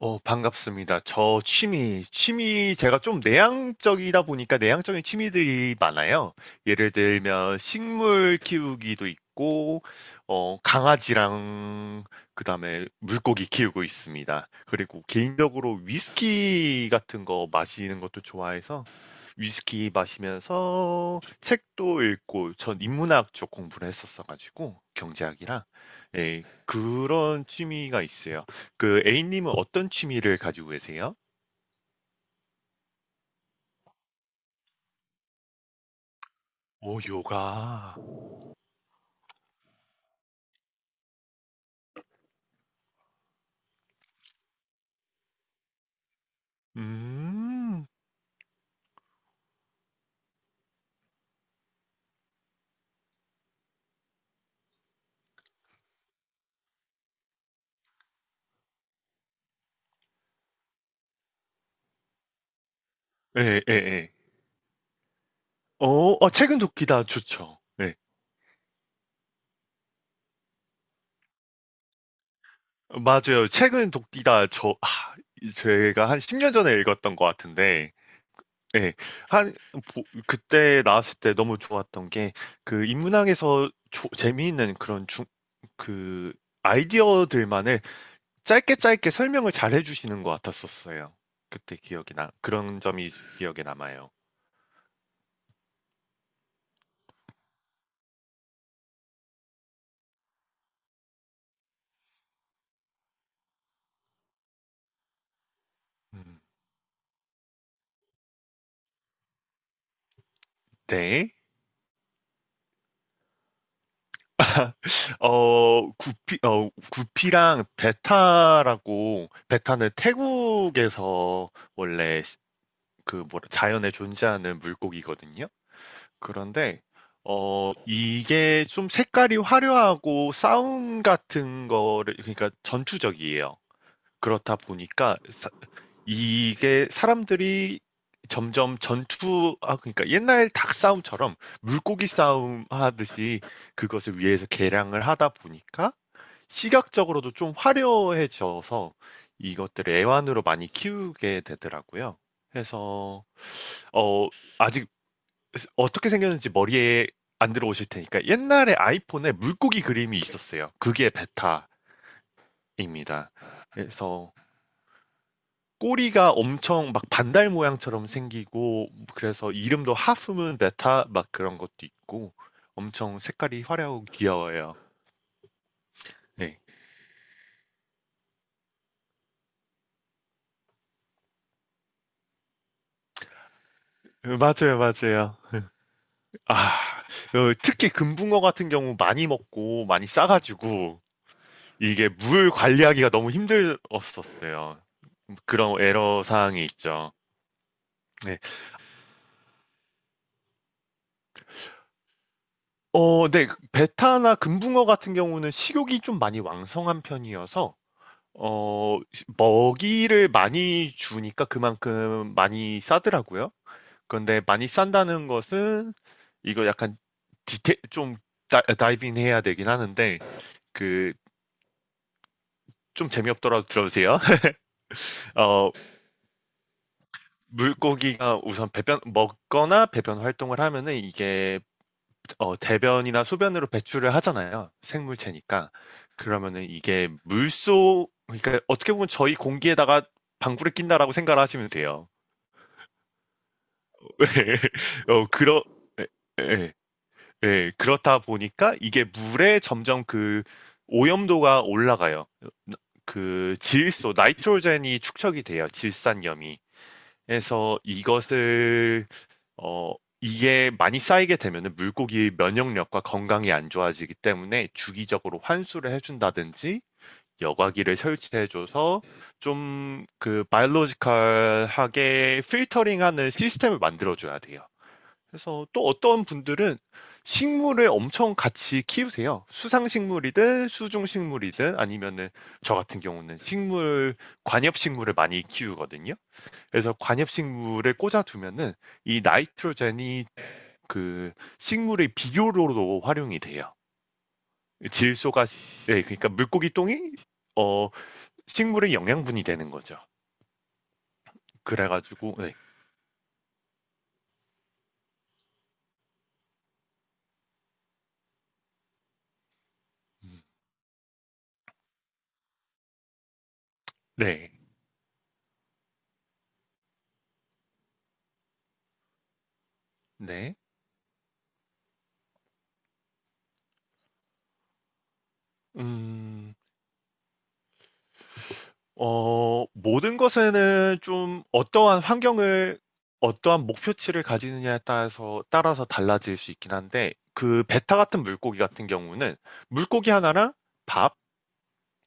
반갑습니다. 저 취미, 제가 좀 내향적이다 보니까 내향적인 취미들이 많아요. 예를 들면 식물 키우기도 있고 강아지랑 그다음에 물고기 키우고 있습니다. 그리고 개인적으로 위스키 같은 거 마시는 것도 좋아해서 위스키 마시면서 책도 읽고 전 인문학 쪽 공부를 했었어 가지고 경제학이랑 예, 그런 취미가 있어요. 그 A님은 어떤 취미를 가지고 계세요? 오, 요가. 음. 예, 예, 예. 어, 책은 돕기다 좋죠. 네. 맞아요. 책은 돕기다 제가 한 10년 전에 읽었던 것 같은데, 예. 한, 그때 나왔을 때 너무 좋았던 게, 그 인문학에서 재미있는 그런 그 아이디어들만을 짧게 짧게 설명을 잘 해주시는 것 같았었어요. 그때 기억이 나, 그런 점이 기억에 남아요. 음. 네. 구피랑 베타라고, 베타는 태국에서 원래 그 뭐라, 자연에 존재하는 물고기거든요. 그런데, 이게 좀 색깔이 화려하고 싸움 같은 거를, 그러니까 전투적이에요. 그렇다 보니까 이게 사람들이 점점 그러니까 옛날 닭 싸움처럼 물고기 싸움 하듯이 그것을 위해서 개량을 하다 보니까 시각적으로도 좀 화려해져서 이것들을 애완으로 많이 키우게 되더라고요. 그래서, 어, 아직 어떻게 생겼는지 머리에 안 들어오실 테니까 옛날에 아이폰에 물고기 그림이 있었어요. 그게 베타입니다. 그래서 꼬리가 엄청 막 반달 모양처럼 생기고 그래서 이름도 하프문 베타 막 그런 것도 있고 엄청 색깔이 화려하고 귀여워요. 네. 맞아요, 맞아요. 아, 특히 금붕어 같은 경우 많이 먹고 많이 싸가지고 이게 물 관리하기가 너무 힘들었었어요. 그런 에러 사항이 있죠. 네. 네. 베타나 금붕어 같은 경우는 식욕이 좀 많이 왕성한 편이어서 어, 먹이를 많이 주니까 그만큼 많이 싸더라고요. 그런데 많이 싼다는 것은 이거 약간 좀 다이빙 해야 되긴 하는데 그 좀 재미없더라도 들어주세요. 어, 물고기가 우선 배변 먹거나 배변 활동을 하면은 이게 대변이나 소변으로 배출을 하잖아요. 생물체니까. 그러면은 이게 물속 그러니까 어떻게 보면 저희 공기에다가 방구를 낀다라고 생각을 하시면 돼요. 어, 그러, 예, 예, 예, 그렇다 보니까 이게 물에 점점 그 오염도가 올라가요. 그 질소, 나이트로젠이 축적이 돼요. 질산염이. 그래서 이것을, 어, 이게 많이 쌓이게 되면은 물고기의 면역력과 건강이 안 좋아지기 때문에 주기적으로 환수를 해준다든지 여과기를 설치해줘서 좀 그 바이올로지컬하게 필터링하는 시스템을 만들어줘야 돼요. 그래서 또 어떤 분들은 식물을 엄청 같이 키우세요. 수상식물이든 수중식물이든 아니면은 저 같은 경우는 식물, 관엽식물을 많이 키우거든요. 그래서 관엽식물에 꽂아두면은 이 나이트로젠이 그 식물의 비료로도 활용이 돼요. 질소가, 네, 그러니까 물고기 똥이 어, 식물의 영양분이 되는 거죠. 그래가지고, 네. 네. 네. 음. 모든 것에는 좀 어떠한 환경을, 어떠한 목표치를 가지느냐에 따라서, 달라질 수 있긴 한데, 그 베타 같은 물고기 같은 경우는 물고기 하나랑 밥,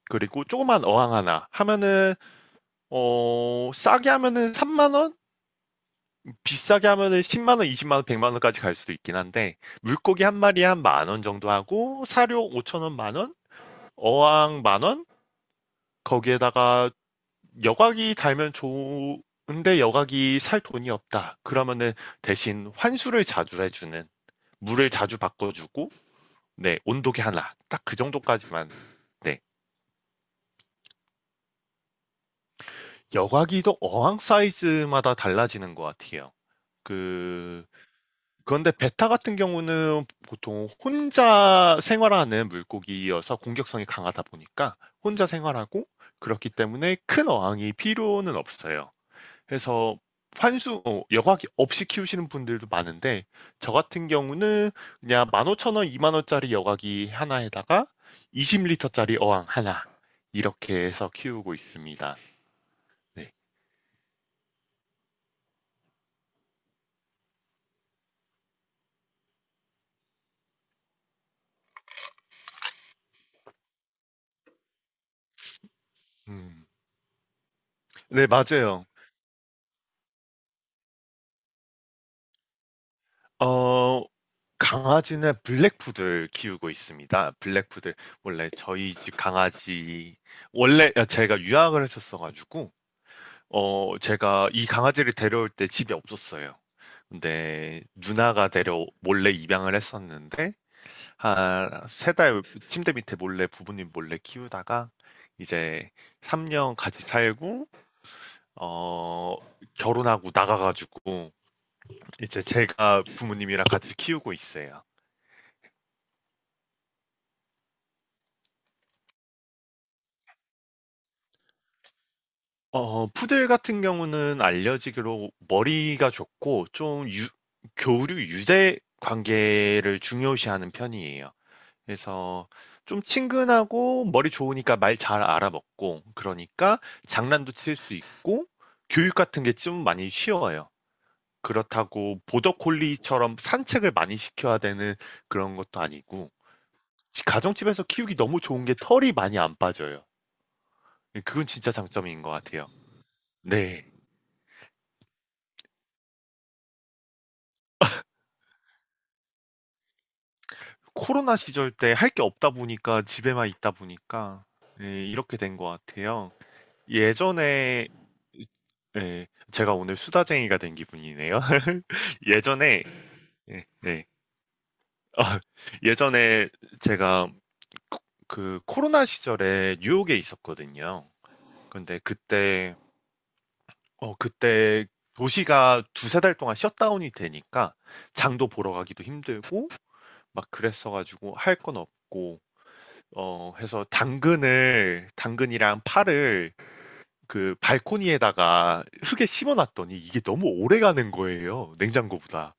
그리고 조그만 어항 하나 하면은, 싸게 하면은 3만 원? 비싸게 하면은 10만 원, 20만 원, 100만 원까지 갈 수도 있긴 한데, 물고기 한 마리에 한 만원 정도 하고, 사료 5천 원 만원? 어항 만원? 거기에다가 여각이 달면 좋은데 여각이 살 돈이 없다. 그러면은 대신 환수를 자주 해주는, 물을 자주 바꿔주고, 네, 온도계 하나. 딱 그 정도까지만. 네. 여각이도 어항 사이즈마다 달라지는 것 같아요. 그, 그런데 베타 같은 경우는 보통 혼자 생활하는 물고기여서 공격성이 강하다 보니까 혼자 생활하고 그렇기 때문에 큰 어항이 필요는 없어요. 해서 환수 여과기 없이 키우시는 분들도 많은데 저 같은 경우는 그냥 15,000원, 2만 원짜리 여과기 하나에다가 20리터짜리 어항 하나 이렇게 해서 키우고 있습니다. 네, 음, 네 맞아요. 어, 강아지는 블랙푸들 키우고 있습니다. 블랙푸들 원래 저희 집 강아지 원래 제가 유학을 했었어가지고 제가 이 강아지를 데려올 때 집이 없었어요. 근데 누나가 데려 몰래 입양을 했었는데 한 세 달 침대 밑에 몰래 부모님 몰래 키우다가 이제 3년 같이 살고 어 결혼하고 나가가지고 이제 제가 부모님이랑 같이 키우고 있어요. 푸들 같은 경우는 알려지기로 머리가 좋고 좀 교류 유대 관계를 중요시하는 편이에요. 그래서 좀 친근하고 머리 좋으니까 말 잘 알아먹고 그러니까 장난도 칠 수 있고 교육 같은 게 좀 많이 쉬워요. 그렇다고 보더콜리처럼 산책을 많이 시켜야 되는 그런 것도 아니고 가정집에서 키우기 너무 좋은 게 털이 많이 안 빠져요. 그건 진짜 장점인 것 같아요. 네. 코로나 시절 때 할 게 없다 보니까 집에만 있다 보니까 네, 이렇게 된 것 같아요. 예전에. 네, 제가 오늘 수다쟁이가 된 기분이네요. 예전에. 예, 예. 아, 예전에 제가 코- 그 코로나 시절에 뉴욕에 있었거든요. 근데 그때 도시가 두세 달 동안 셧다운이 되니까 장도 보러 가기도 힘들고 막 그랬어 가지고 할 건 없고 해서 당근을 당근이랑 파를 그 발코니에다가 흙에 심어 놨더니 이게 너무 오래 가는 거예요. 냉장고보다.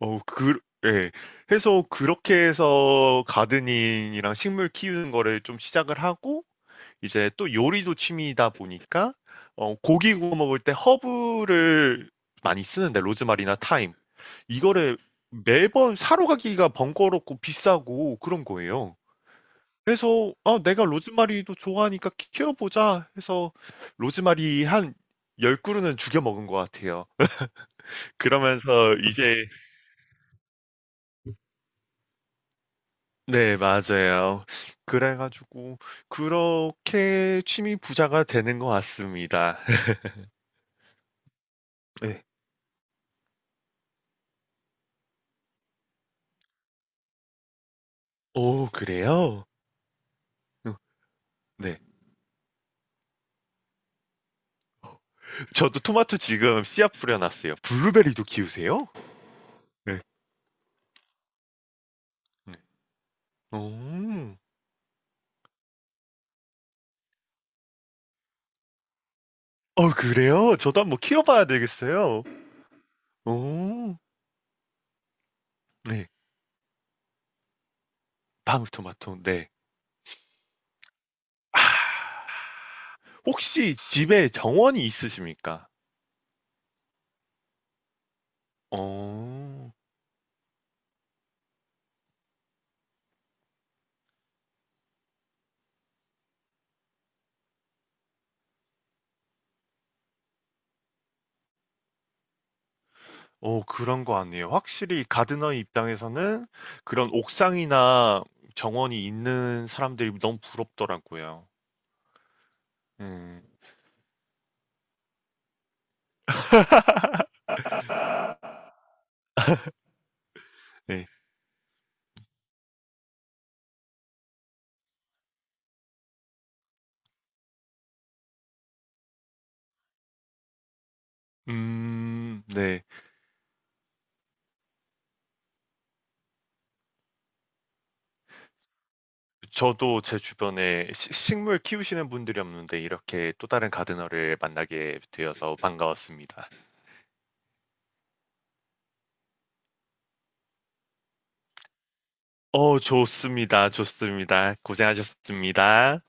어, 그, 예. 해서 그렇게 해서 가드닝이랑 식물 키우는 거를 좀 시작을 하고, 이제 또 요리도 취미이다 보니까, 고기 구워 먹을 때 허브를 많이 쓰는데, 로즈마리나 타임. 이거를 매번 사러 가기가 번거롭고 비싸고 그런 거예요. 그래서, 내가 로즈마리도 좋아하니까 키워보자 해서, 로즈마리 한 10그루는 죽여 먹은 것 같아요. 그러면서 이제, 네, 맞아요. 그래 가지고 그렇게 취미 부자가 되는 것 같습니다. 네. 오, 그래요? 어, 네. 저도 토마토 지금 씨앗 뿌려놨어요. 블루베리도 키우세요? 네. 네. 오. 그래요? 저도 한번 키워봐야 되겠어요. 오. 네. 방울토마토. 네. 아. 혹시 집에 정원이 있으십니까? 어. 그런 거 아니에요. 확실히 가드너의 입장에서는 그런 옥상이나 정원이 있는 사람들이 너무 부럽더라고요. 음, 네. 네. 저도 제 주변에 식물 키우시는 분들이 없는데 이렇게 또 다른 가드너를 만나게 되어서 반가웠습니다. 좋습니다. 좋습니다. 고생하셨습니다.